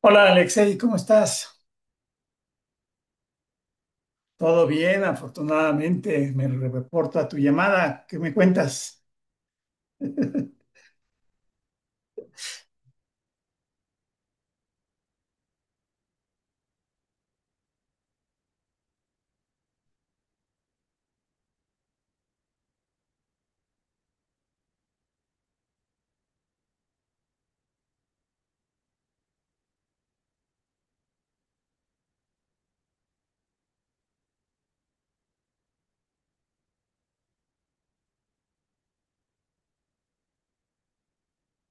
Hola Alexei, ¿cómo estás? Todo bien, afortunadamente. Me reporta tu llamada. ¿Qué me cuentas?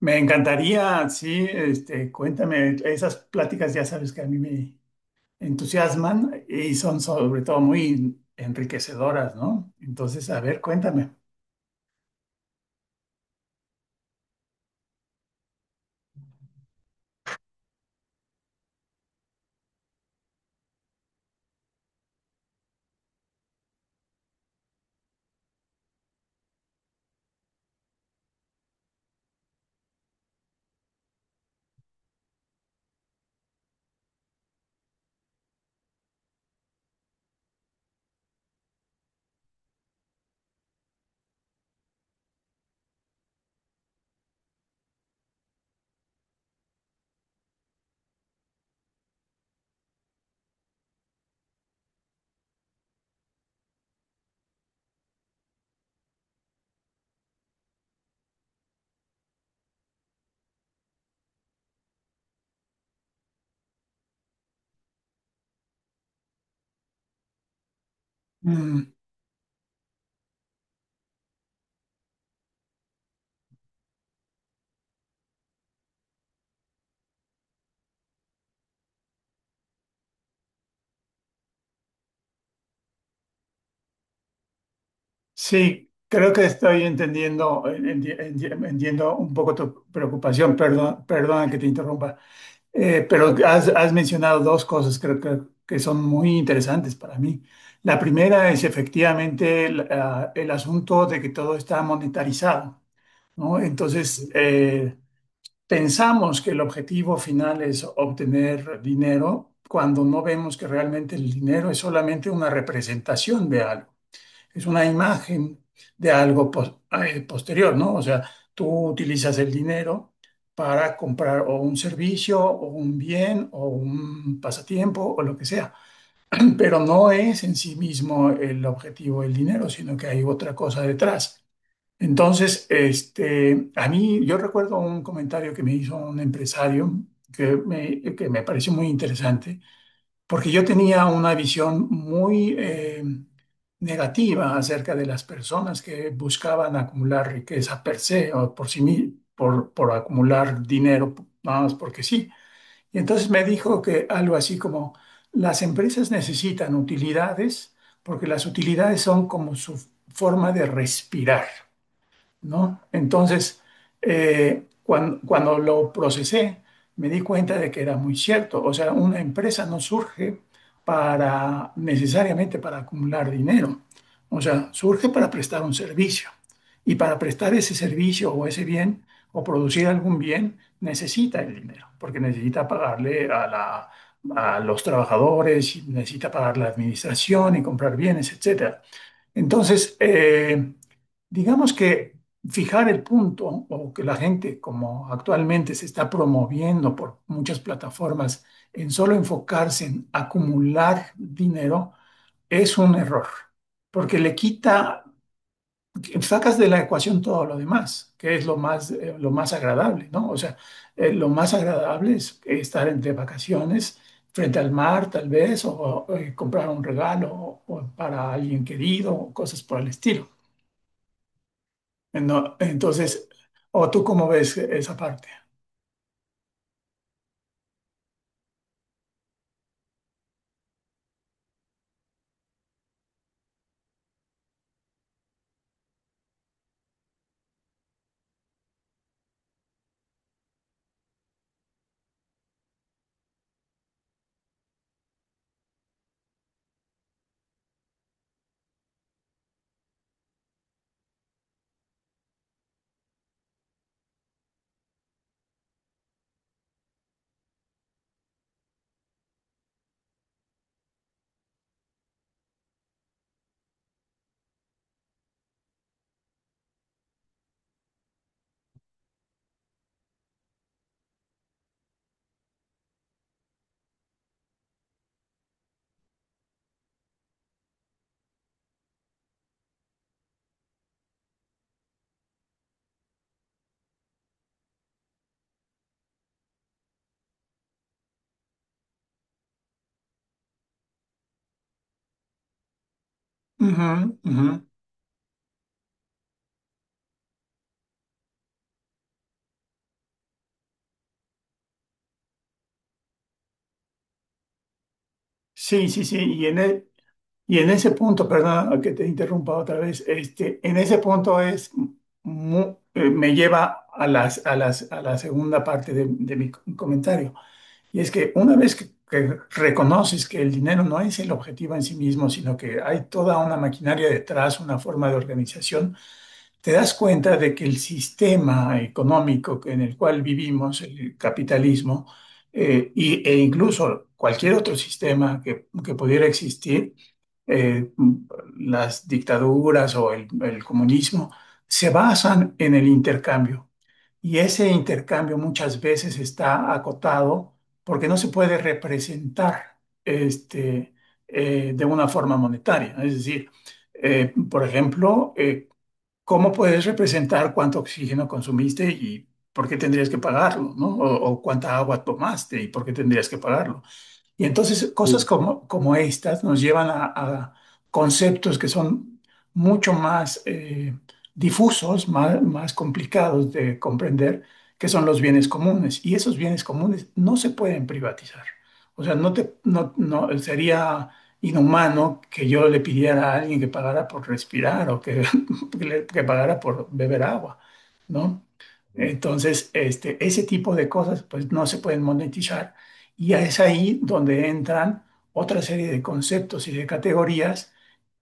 Me encantaría, sí, este, cuéntame. Esas pláticas ya sabes que a mí me entusiasman y son sobre todo muy enriquecedoras, ¿no? Entonces, a ver, cuéntame. Mm, sí, creo que estoy entendiendo, entiendo un poco tu preocupación. Perdón, perdona que te interrumpa. Pero has mencionado dos cosas creo que son muy interesantes para mí. La primera es efectivamente el, ah, el asunto de que todo está monetarizado, ¿no? Entonces, pensamos que el objetivo final es obtener dinero cuando no vemos que realmente el dinero es solamente una representación de algo, es una imagen de algo posterior, ¿no? O sea, tú utilizas el dinero para comprar o un servicio o un bien o un pasatiempo o lo que sea, pero no es en sí mismo el objetivo del dinero, sino que hay otra cosa detrás. Entonces, este, a mí yo recuerdo un comentario que me hizo un empresario que me pareció muy interesante porque yo tenía una visión muy negativa acerca de las personas que buscaban acumular riqueza per se o por acumular dinero nada más porque sí. Y entonces me dijo que algo así como las empresas necesitan utilidades porque las utilidades son como su forma de respirar. ¿No? Entonces, cuando lo procesé, me di cuenta de que era muy cierto. O sea, una empresa no surge para necesariamente para acumular dinero. O sea, surge para prestar un servicio. Y para prestar ese servicio o ese bien o producir algún bien, necesita el dinero, porque necesita a los trabajadores, necesita pagar la administración y comprar bienes, etcétera. Entonces, digamos que fijar el punto o que la gente, como actualmente se está promoviendo por muchas plataformas, en solo enfocarse en acumular dinero, es un error, porque le quita, sacas de la ecuación todo lo demás, que es lo más agradable, ¿no? O sea, lo más agradable es estar entre vacaciones frente al mar, tal vez, o, o comprar un regalo o para alguien querido, o cosas por el estilo. No, entonces, ¿o tú cómo ves esa parte? Ujú, ujú. Sí, sí, sí. Y en ese punto, perdona que te interrumpa otra vez, este, en ese punto es me lleva a las, a las, a la segunda parte de mi comentario. Y es que una vez que reconoces que el dinero no es el objetivo en sí mismo, sino que hay toda una maquinaria detrás, una forma de organización, te das cuenta de que el sistema económico en el cual vivimos, el capitalismo, e incluso cualquier otro sistema que pudiera existir, eh, las dictaduras o el comunismo, se basan en el intercambio. Y ese intercambio muchas veces está acotado porque no se puede representar este, de una forma monetaria. Es decir, por ejemplo, cómo puedes representar cuánto oxígeno consumiste y por qué tendrías que pagarlo, ¿no? O cuánta agua tomaste y por qué tendrías que pagarlo. Y entonces cosas sí, como, como estas nos llevan a conceptos que son mucho más difusos, más, más complicados de comprender, que son los bienes comunes. Y esos bienes comunes no se pueden privatizar. O sea, no te, no, no, sería inhumano que yo le pidiera a alguien que pagara por respirar o que, que pagara por beber agua, ¿no? Entonces, este, ese tipo de cosas pues no se pueden monetizar y es ahí donde entran otra serie de conceptos y de categorías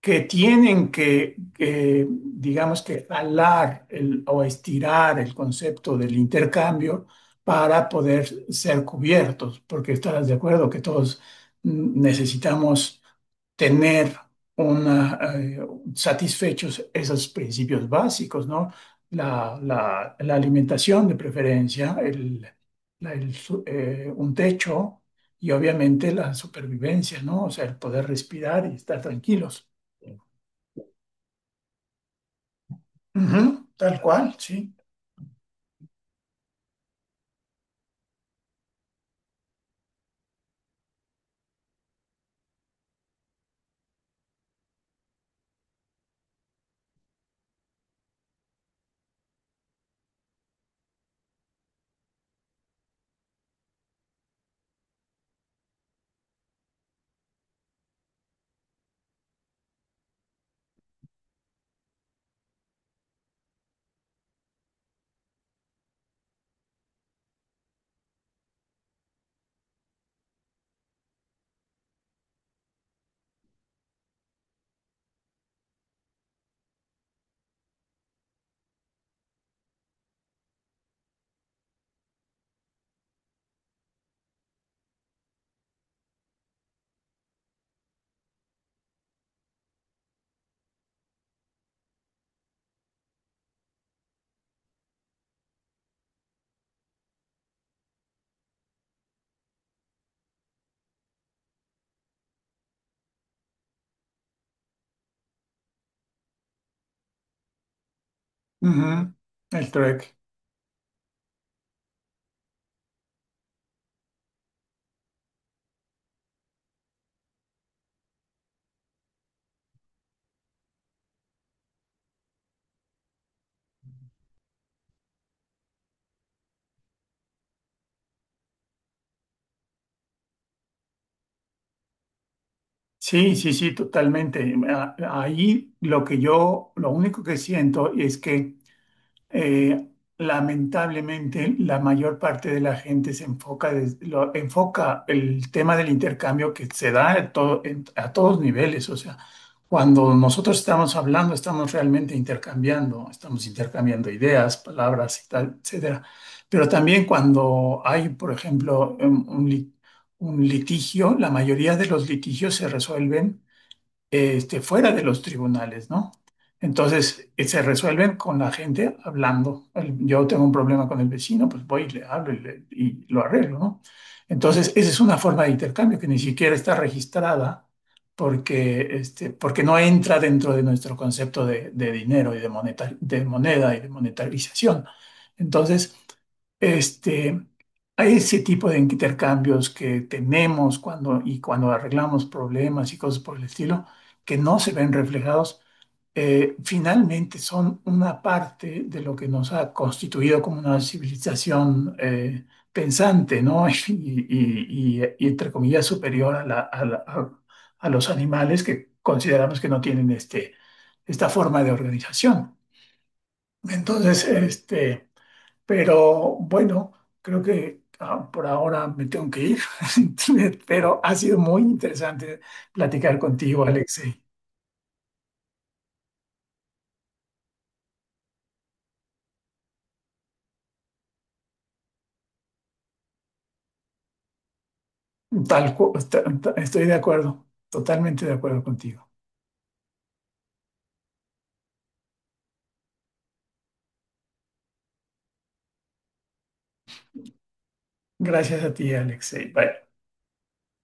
que tienen que, digamos que o estirar el concepto del intercambio para poder ser cubiertos, porque estarás de acuerdo que todos, mm, necesitamos tener una, satisfechos esos principios básicos, ¿no? La alimentación de preferencia, un techo y obviamente la supervivencia, ¿no? O sea, el poder respirar y estar tranquilos. Ujú, tal cual, sí. Ujú, el trek. Sí, sí, sí, totalmente. A, ahí lo que yo, lo único que siento es que eh, lamentablemente, la mayor parte de la gente se enfoca, enfoca el tema del intercambio que se da a, a todos niveles. O sea, cuando nosotros estamos hablando, estamos realmente intercambiando, estamos intercambiando ideas, palabras y tal, etcétera. Pero también cuando hay, por ejemplo, un litigio, la mayoría de los litigios se resuelven este, fuera de los tribunales, ¿no? Entonces, se resuelven con la gente hablando. Yo tengo un problema con el vecino, pues voy y le hablo y y lo arreglo, ¿no? Entonces, esa es una forma de intercambio que ni siquiera está registrada porque, este, porque no entra dentro de nuestro concepto de dinero y de, de moneda y de monetarización. Entonces, este, a ese tipo de intercambios que tenemos cuando, y cuando arreglamos problemas y cosas por el estilo, que no se ven reflejados, finalmente son una parte de lo que nos ha constituido como una civilización pensante, ¿no? Y, y entre comillas superior a, a los animales que consideramos que no tienen este, esta forma de organización. Entonces, este, pero bueno, creo que ah, por ahora me tengo que ir, pero ha sido muy interesante platicar contigo, Alexei. Tal, cu- ta- ta- Estoy de acuerdo, totalmente de acuerdo contigo. Gracias a ti, Alexei. Bye.